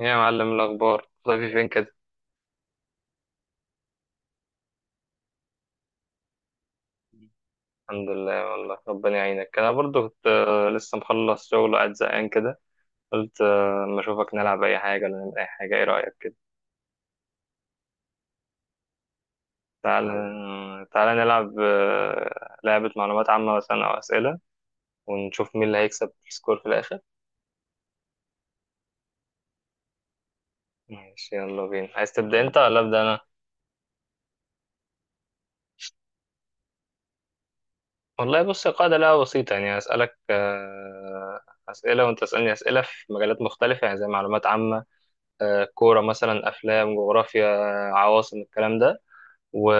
إيه يا معلم الأخبار طيب فين كده؟ الحمد لله والله ربنا يعينك. أنا برضو كنت لسه مخلص شغل وقاعد زهقان كده. قلت أما أشوفك نلعب أي حاجة ولا نعمل أي حاجة. إيه رأيك كده؟ تعال نلعب لعبة معلومات عامة مثلا أو أسئلة، ونشوف مين اللي هيكسب السكور في الآخر. ماشي يلا بينا. عايز تبدأ أنت ولا أبدأ أنا؟ والله بص، القاعدة لعبة بسيطة يعني. هسألك أسئلة وأنت تسألني أسئلة في مجالات مختلفة، يعني زي معلومات عامة، كورة مثلا، أفلام، جغرافيا، عواصم، الكلام ده و...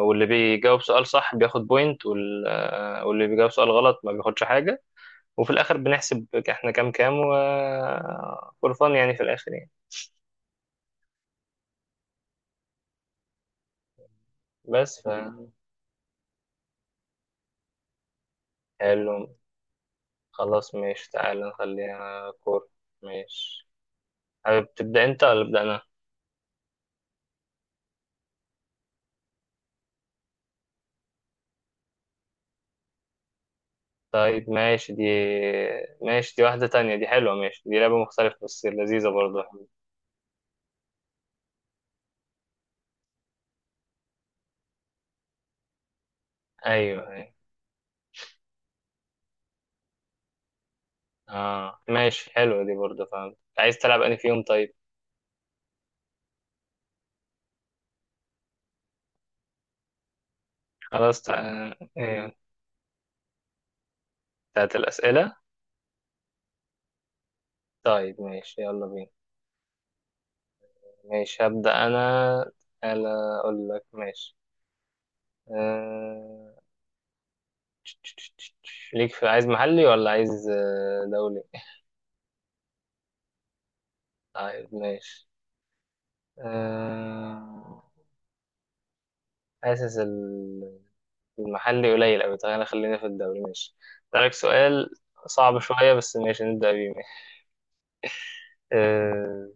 واللي بيجاوب سؤال صح بياخد بوينت، واللي بيجاوب سؤال غلط ما بياخدش حاجة. وفي الآخر بنحسب احنا كام كام فور فن يعني، في الآخر يعني. بس حلو. خلاص ماشي، تعالى نخليها كورة. ماشي. حابب تبدأ أنت ولا أبدأ أنا؟ طيب ماشي دي. ماشي دي واحدة تانية، دي حلوة. ماشي دي لعبة مختلفة بس لذيذة برضه. أيوه أيوه. اه ماشي، حلوة دي برضه، فاهم. عايز تلعب انهي فيهم طيب؟ خلاص ايه، بتاعت الأسئلة. طيب ماشي يلا بينا. ماشي هبدأ أنا. أنا أقول لك ماشي. آه... ليك في، عايز محلي ولا عايز دولي؟ طيب ماشي. آه... حاسس ال- المحلي قليل أوي. طيب أنا خلينا في الدولي ماشي. أسألك سؤال صعب شوية بس ماشي، نبدأ بيه ماشي. آه...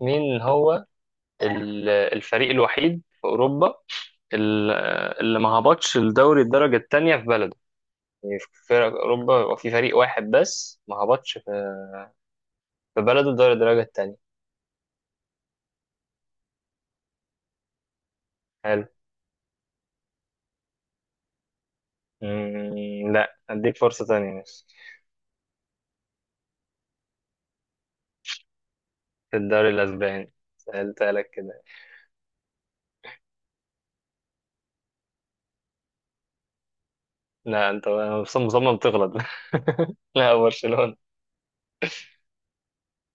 مين هو الفريق الوحيد في أوروبا ال- اللي ما هبطش الدوري الدرجة التانية في بلده؟ يعني في فرق أوروبا، يبقى في فريق واحد بس ما هبطش في بلده الدوري الدرجة التانية. حلو. لا، أديك فرصة تانية بس. في الدوري الأسباني. سألتها لك كده. لا، أنت مصمم مصمم تغلط. لا، برشلونة.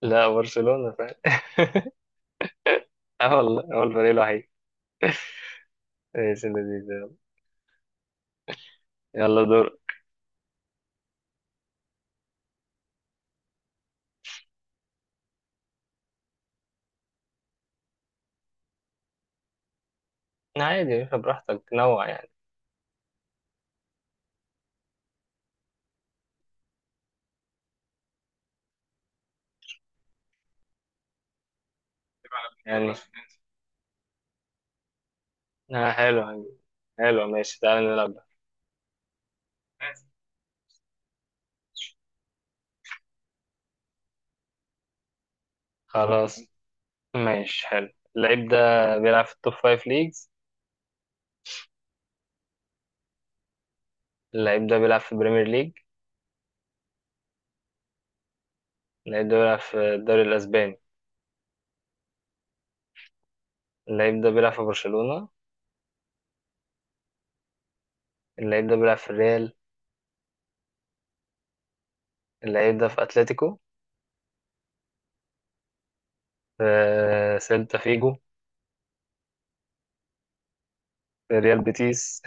لا، برشلونة فعلا. اه والله، هو الفريق الوحيد. ايش اللذيذ ده؟ يلا دور. عادي يا باشا، براحتك نوع يعني. يعني حلو. حلو ماشي، تعالى نلعب ده. خلاص ماشي حلو. اللعيب ده بيلعب في التوب فايف ليجز. اللعيب ده بيلعب في البريمير ليج. اللعيب ده بيلعب في الدوري الأسباني. اللعيب ده بيلعب في برشلونة. اللعيب ده بيلعب في الريال. اللعيب ده في أتلتيكو. في سيلتا فيجو. في ريال بيتيس.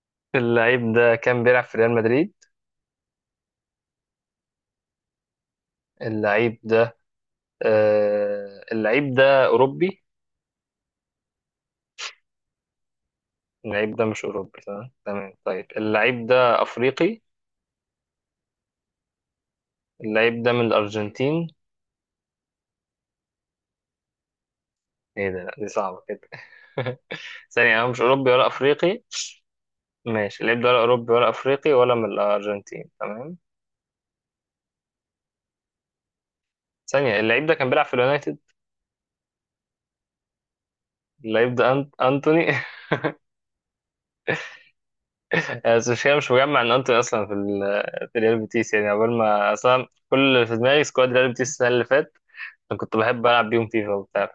اللعيب ده كان بيلعب في ريال مدريد. اللعيب ده، اللعيب ده أوروبي؟ اللعيب ده مش أوروبي تمام تمام. طيب اللعيب ده أفريقي؟ اللعيب ده من الأرجنتين؟ ايه ده، لا دي صعبة كده. ثانية، انا مش اوروبي ولا افريقي. ماشي، اللعيب ده ولا اوروبي ولا افريقي ولا من الارجنتين تمام. ثانية، اللعيب ده كان بيلعب في اليونايتد؟ اللعيب ده أنت... انتوني. بس مش مجمع ان انتوني اصلا في ريال بيتيس يعني. عقبال ما اصلا كل اللي في دماغي سكواد ريال بيتيس السنة اللي فاتت. انا كنت بحب العب بيهم فيفا وبتاع.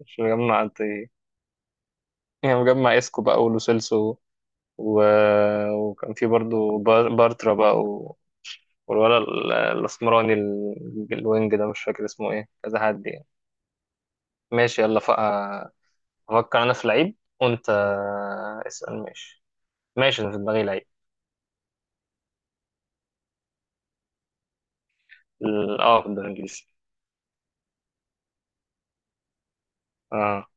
مش مجمع انتوني. يعني مجمع اسكو بقى ولوسيلسو و... وكان في برضو بارترا بقى. والولا ال- الاسمراني الوينج ده مش فاكر اسمه ايه، كذا حد يعني. ماشي يلا افكر انا في لعيب وانت اسأل ماشي. ماشي انا في دماغي لعيب. اه في الدوري الانجليزي. اه.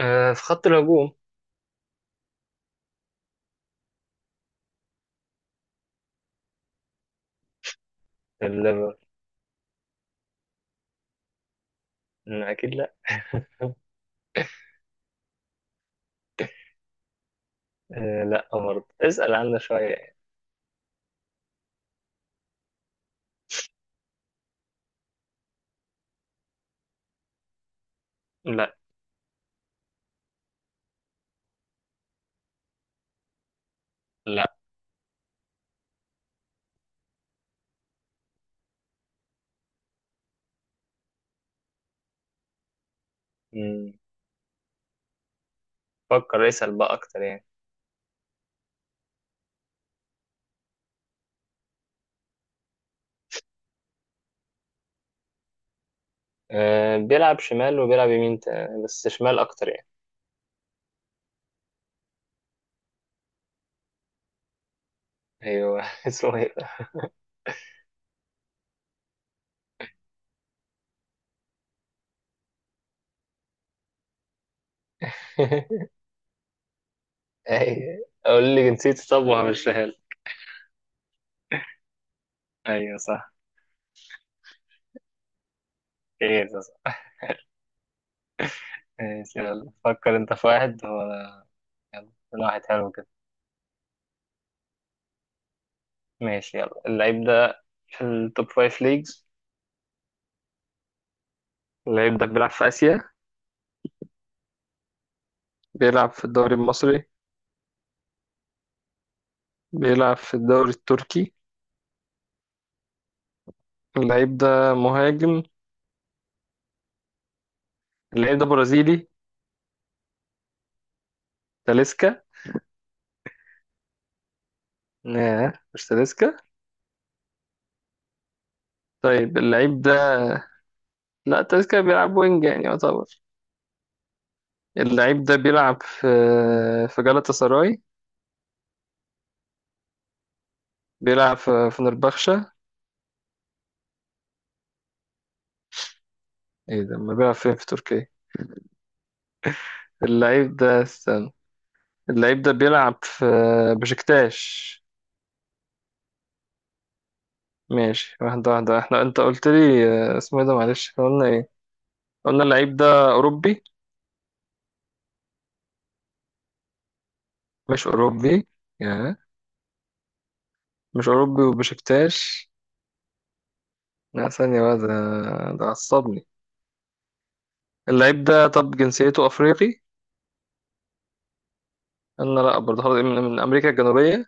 في خط الهجوم. الليفر. اكيد لا. لا، برضه اسأل عنا شوية يعني. لا، لا. مم. فكر اسأل بقى أكتر يعني. بيلعب شمال وبيلعب يمين بس شمال أكتر يعني. أيوه. اسمه إيه ده؟ أيوة. قول لي جنسيته طب وهمشيها. ايوه صح. خير ده صح. ماشي يلا فكر انت في واحد هو. يلا من واحد حلو كده. ماشي يلا، اللعيب ده في التوب فايف ليجز. اللعيب ده بيلعب في آسيا. بيلعب في الدوري المصري. بيلعب في الدوري التركي. اللعيب ده مهاجم. اللعيب ده برازيلي. تاليسكا. لا مش تاليسكا. طيب اللعيب ده، لا تاليسكا بيلعب وينج يعني يعتبر. اللعيب ده بيلعب في جالاتا سراي. بيلعب في فنربخشة. ايه ده، ما بيلعب فين في تركيا؟ اللعيب ده، استنى. اللعيب ده بيلعب في بشكتاش. ماشي، واحدة واحدة. احنا انت قلت لي اسمه ايه ده، معلش. احنا قلنا ايه؟ قلنا اللعيب ده اوروبي. مش اوروبي. يا مش اوروبي وبشكتاش. لا ثانية بقى، ده ده عصبني. اللعيب ده، طب جنسيته افريقي؟ انا لا برضه. خلاص من امريكا الجنوبية.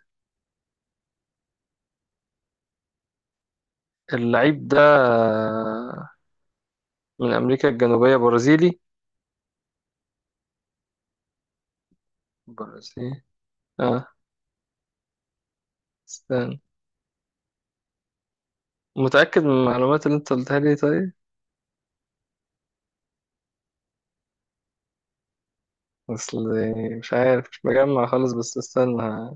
اللعيب ده من امريكا الجنوبية برازيلي. برازيلي. اه. استنى. متأكد من المعلومات اللي انت قلتها لي طيب؟ اصل مش عارف، مش مجمع خالص، بس استنى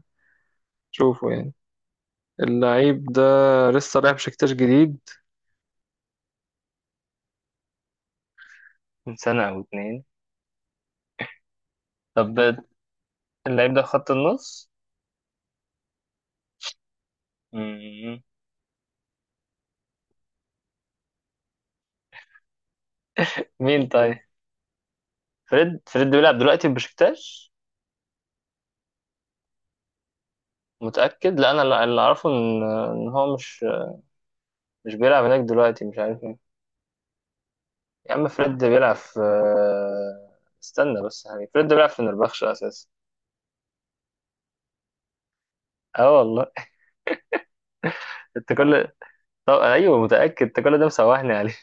هشوفه يعني. اللعيب ده لسه رايح بشكتاش جديد. من سنة أو اتنين. طب اللعيب ده خط النص. مم. مين طيب؟ فريد؟ فريد بيلعب دلوقتي في بشكتاش؟ متأكد؟ لا أنا اللي أعرفه إن هو مش بيلعب هناك دلوقتي، مش عارف مين. يا عم فريد ده بيلعب في، استنى بس يعني فريد ده بيلعب في نربخش أساسا. اه والله. انت كل، طب ايوه متأكد؟ انت كل ده مسوحني عليه.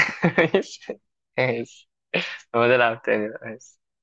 ماشي. ماشي هو نلعب تاني بقى. ماشي.